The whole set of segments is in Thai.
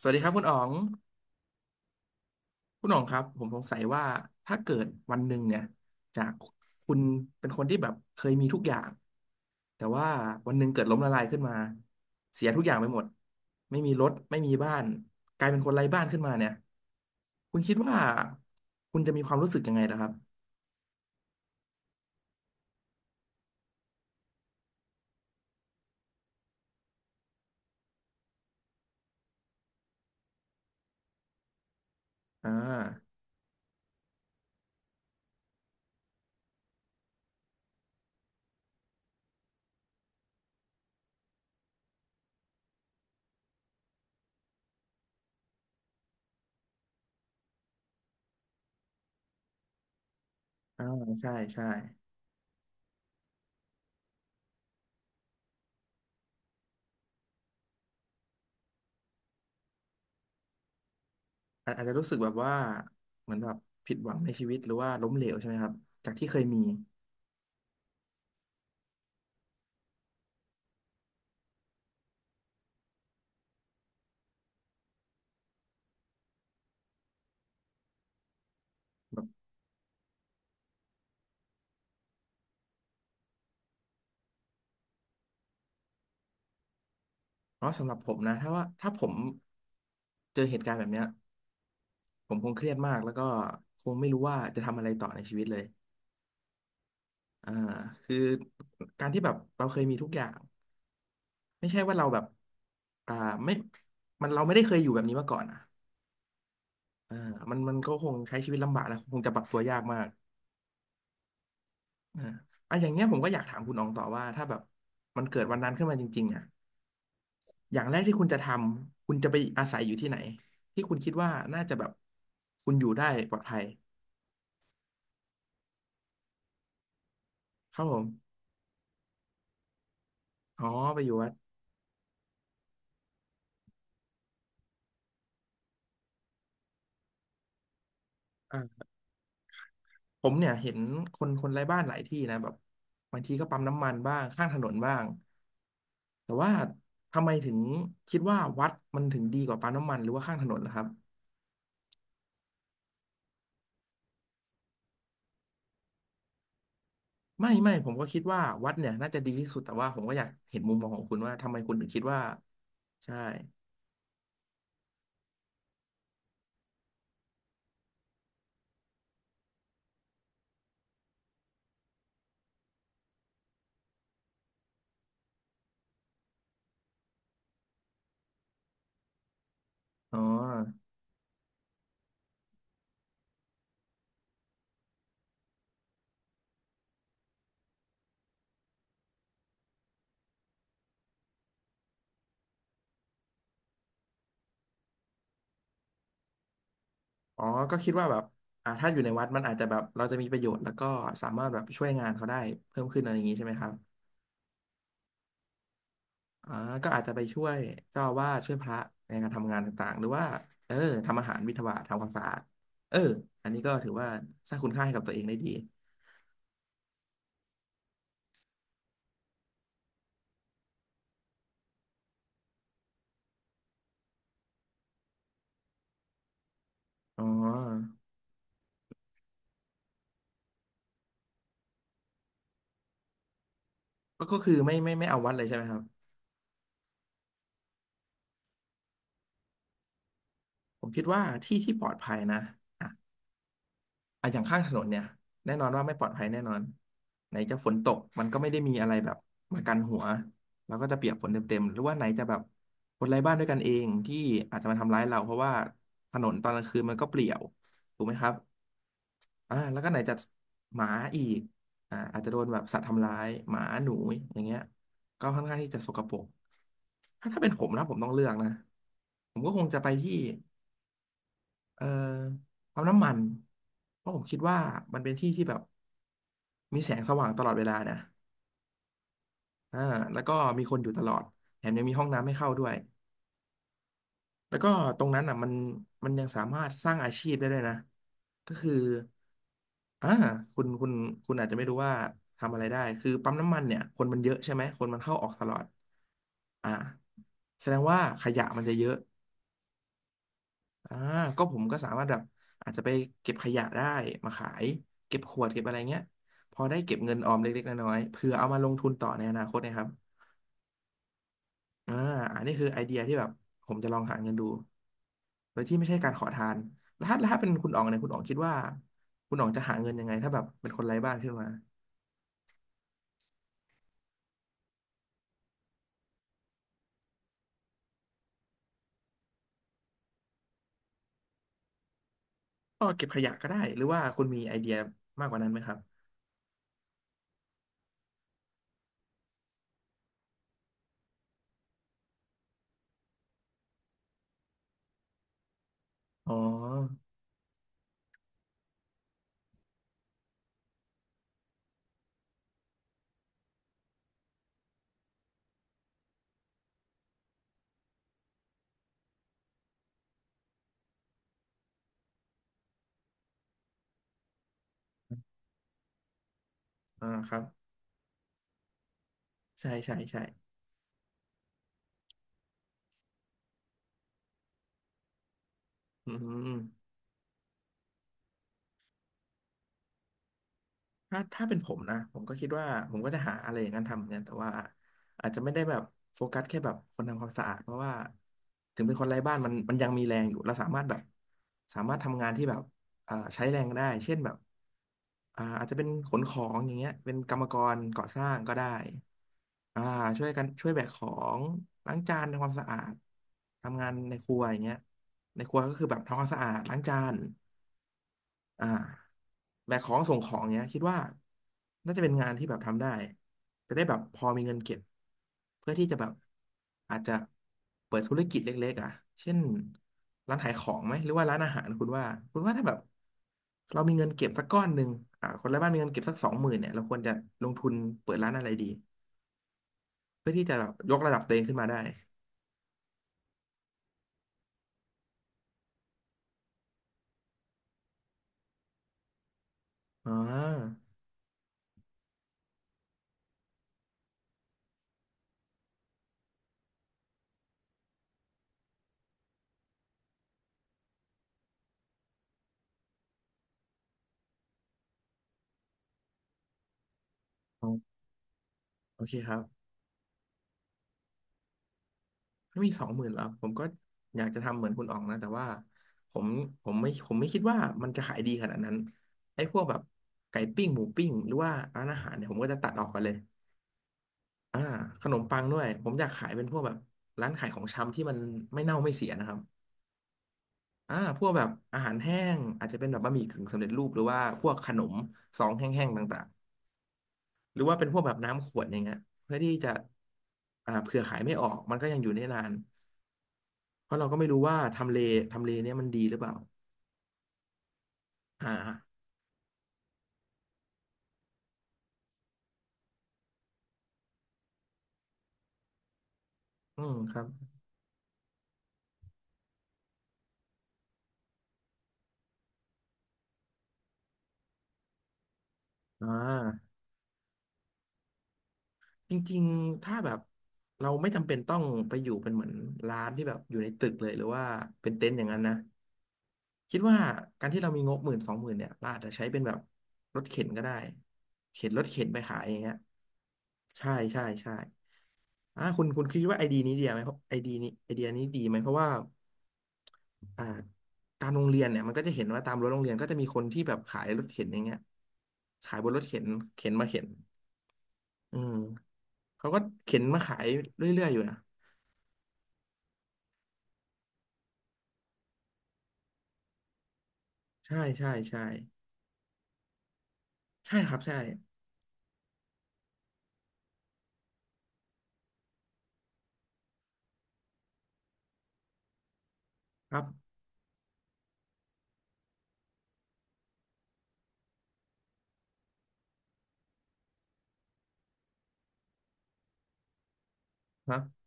สวัสดีครับคุณอ๋องคุณอ๋องครับผมสงสัยว่าถ้าเกิดวันหนึ่งเนี่ยจากคุณเป็นคนที่แบบเคยมีทุกอย่างแต่ว่าวันหนึ่งเกิดล้มละลายขึ้นมาเสียทุกอย่างไปหมดไม่มีรถไม่มีบ้านกลายเป็นคนไร้บ้านขึ้นมาเนี่ยคุณคิดว่าคุณจะมีความรู้สึกยังไงล่ะครับอ่าอ่าใช่ใช่อาอาจจะรู้สึกแบบว่าเหมือนแบบผิดหวังในชีวิตหรือว่าล้มเหลวใช่ไหมครับจากที่เคยมี เพราะสำหรับผมนะถ้าว่าถ้าผมเจอเหตุการณ์แบบเนี้ยผมคงเครียดมากแล้วก็คงไม่รู้ว่าจะทำอะไรต่อในชีวิตเลยอ่าคือการที่แบบเราเคยมีทุกอย่างไม่ใช่ว่าเราแบบอ่าไม่มันเราไม่ได้เคยอยู่แบบนี้มาก่อนอ่ะอ่ามันมันก็คงใช้ชีวิตลำบากแล้วคงจะปรับตัวยากมากอ่าอ่ะอย่างเงี้ยผมก็อยากถามคุณอองต่อว่าถ้าแบบมันเกิดวันนั้นขึ้นมาจริงๆอ่ะอย่างแรกที่คุณจะทำคุณจะไปอาศัยอยู่ที่ไหนที่คุณคิดว่าน่าจะแบบคุณอยู่ได้ปลอดภัย ครับผมอ๋อไปอยู่วัดอ่าผมเนี่ยเห็นคนไร้บ้านหลายที่นะแบบบางทีก็ปั๊มน้ำมันบ้างข้างถนนบ้างแต่ว่าทำไมถึงคิดว่าวัดมันถึงดีกว่าปั๊มน้ำมันหรือว่าข้างถนนล่ะครับไม่ไม่ผมก็คิดว่าวัดเนี่ยน่าจะดีที่สุดแต่ว่าผมก็อยากเห็นมุมมองของคุณว่าทำไมคุณถึงคิดว่าใช่อ๋ออ๋อก็คิดว่าแบบถ้าอยู่ในวัดมันอาจจะแบบเราจะมีประโยชน์แล้วก็สามารถแบบช่วยงานเขาได้เพิ่มขึ้นอะไรอย่างนี้ใช่ไหมครับ อ่าก็อาจจะไปช่วยเจ้าอาวาสช่วยพระในการทำงานต่างๆหรือว่าเออทำอาหารบิณฑบาตทำความสะอาดเอออันนี้ก็ถือว่าสร้างคุณค่าให้กับตัวเองได้ดีอ๋อก็คือไม่ไม่ไม่เอาวัดเลยใช่ไหมครับผมคิดว่าที่ที่ปลอดภัยนะอ่ะอ่ะอย่างข้างถนนเนี่ยแน่นอนว่าไม่ปลอดภัยแน่นอนไหนจะฝนตกมันก็ไม่ได้มีอะไรแบบมากันหัวเราก็จะเปียกฝนเต็มๆหรือว่าไหนจะแบบคนไร้บ้านด้วยกันเองที่อาจจะมาทำร้ายเราเพราะว่าถนนตอนกลางคืนมันก็เปลี่ยวถูกไหมครับ แล้วก็ไหนจะหมาอีกอาจจะโดนแบบสัตว์ทำร้ายหมาหนูอย่างเงี้ยก็ค่อนข้างที่จะสกปรกถ้าถ้าเป็นผมนะผมต้องเลือกนะผมก็คงจะไปที่เอ่อปั๊มน้ำมันเพราะผมคิดว่ามันเป็นที่ที่แบบมีแสงสว่างตลอดเวลานะอ่าแล้วก็มีคนอยู่ตลอดแถมยังมีห้องน้ำให้เข้าด้วย แล้วก็ตรงนั้นอ่ะมันมันยังสามารถสร้างอาชีพได้ด้วยนะก็คืออ่าคุณคุณอาจจะไม่รู้ว่าทำอะไรได้คือปั๊มน้ำมันเนี่ยคนมันเยอะใช่ไหมคนมันเข้าออกตลอดอ่าแสดงว่าขยะมันจะเยอะอ่าก็ผมก็สามารถแบบอาจจะไปเก็บขยะได้มาขายเก็บขวดเก็บอะไรเงี้ยพอได้เก็บเงินออมเล็กๆน้อยๆเผื่อเอามาลงทุนต่อในอนาคตนะครับอ่าอันนี้คือไอเดียที่แบบผมจะลองหาเงินดู โดยที่ไม่ใช่การขอทานแล้วถ้าแล้วถ้าเป็นคุณอ๋องเนี่ยคุณอ๋องคิดว่าคุณอ๋องจะหาเงินยังไงถ้าแบบเป็นคนไร้บ้านขึ้นมาก็เก็บขยะก็ได้หรือว่าคุณมีไอเดียมากกว่านั้นไหมครับ อ๋ออ่าครับ ใช่ใช่ใช่อืม ถ้าถ้าเป็นผมนะผมก็คิดว่าผมก็จะหาอะไรอย่างนั้นทำเหมือนกันแต่ว่าอาจจะไม่ได้แบบโฟกัสแค่แบบคนทำความสะอาดเพราะว่าถึงเป็นคนไร้บ้านมันมันยังมีแรงอยู่เราสามารถแบบสามารถทำงานที่แบบใช้แรงได้เช่นแบบอาจจะเป็นขนของอย่างเงี้ยเป็นกรรมกรก่อสร้างก็ได้อ่าช่วยกันช่วยแบกของล้างจานทำความสะอาดทำงานในครัวอย่างเงี้ยในครัวก็คือแบบทำความสะอาดล้างจาน อ่าแบกของส่งของเนี้ยคิดว่าน่าจะเป็นงานที่แบบทำได้จะได้แบบพอมีเงินเก็บเพื่อที่จะแบบอาจจะเปิดธุรกิจเล็กๆอ่ะเช่นร้านขายของไหมหรือว่าร้านอาหารคุณว่าคุณว่าถ้าแบบเรามีเงินเก็บสักก้อนหนึ่งคนละบ้านมีเงินเก็บสักสองหมื่นเนี่ยเราควรจะลงทุนเปิดร้านอะไรดีเพื่อที่จะแบบยกระดับตัวเองขึ้นมาได้อ๋อโอเคครับ มีสองหมื่นแล้วผมก็อยากจะทำเหมือนคุณอ๋องนะแต่ว่าผมผมไม่คิดว่ามันจะขายดีขนาดนั้นไอ้พวกแบบไก่ปิ้งหมูปิ้งหรือว่าร้านอาหารเนี่ยผมก็จะตัดออกกันเลยอ่าขนมปังด้วยผมอยากขายเป็นพวกแบบร้านขายของชำที่มันไม่เน่าไม่เสียนะครับพวกแบบอาหารแห้งอาจจะเป็นแบบบะหมี่กึ่งสำเร็จรูปหรือว่าพวกขนมซองแห้งๆต่างๆหรือว่าเป็นพวกแบบน้ำขวดอย่างเงี้ยเพื่อที่จะเผื่อขายไม่ออกมันก็ยังอยู่ได้นาน เพราะเราก็ไม่รู้ว่าทำเลเนี่ยมันดีหรือเปล่าอ่าอืมครับอ่า จริงๆ ถ้าแบบเราไม่จำเป็นต้องไปอยู่เป็นเหมือนร้านที่แบบอยู่ในตึกเลยหรือว่าเป็นเต็นท์อย่างนั้นนะ คิดว่าการที่เรามีงบหมื่นสองหมื่นเนี่ยเราอาจจะใช้เป็นแบบรถเข็นก็ได้เข็นรถเข็นไปขายอย่างเงี้ยใช่ใช่ใช่คุณคิดว่าไอเดียนี้ดีไหมเพราะไอเดียนี้ไอเดียนี้ดีไหมเพราะว่า อ่าตามโรงเรียนเนี่ยมันก็จะเห็นว่าตามรั้วโรงเรียนก็จะมีคนที่แบบขายรถเข็นอย่างเงี้ยขายบนรถเข็นเข็นมาเข็นอืมเขาก็เข็นมาขายเรื่อยๆอยู่นะใช่ใช่ใช่ใช่ครับใช่ครับครับ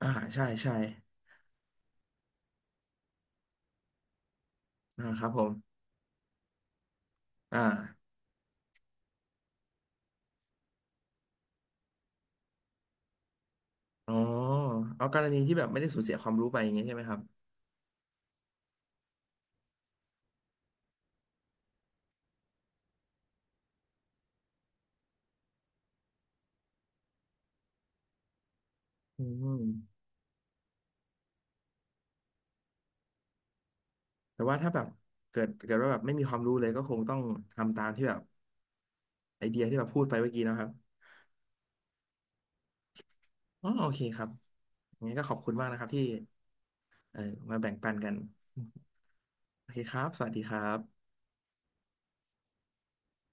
อ่าใช่ใช่อ่าครับผมอ่าอ๋อเอากรณีที่แบบไม่ได้สูญเสียความรู้ไปอย่างเงี้ยใช่ไหมครับอืมแต่ว่าถ้าแบบเกิดว่าแบบไม่มีความรู้เลยก็คงต้องทำตามที่แบบไอเดียที่แบบพูดไปเมื่อกี้นะครับอ๋อโอเคครับงั้นก็ขอบคุณมากนะครับที่ เออมาแบ่งปันกันโอเคครับสวัสดีครับ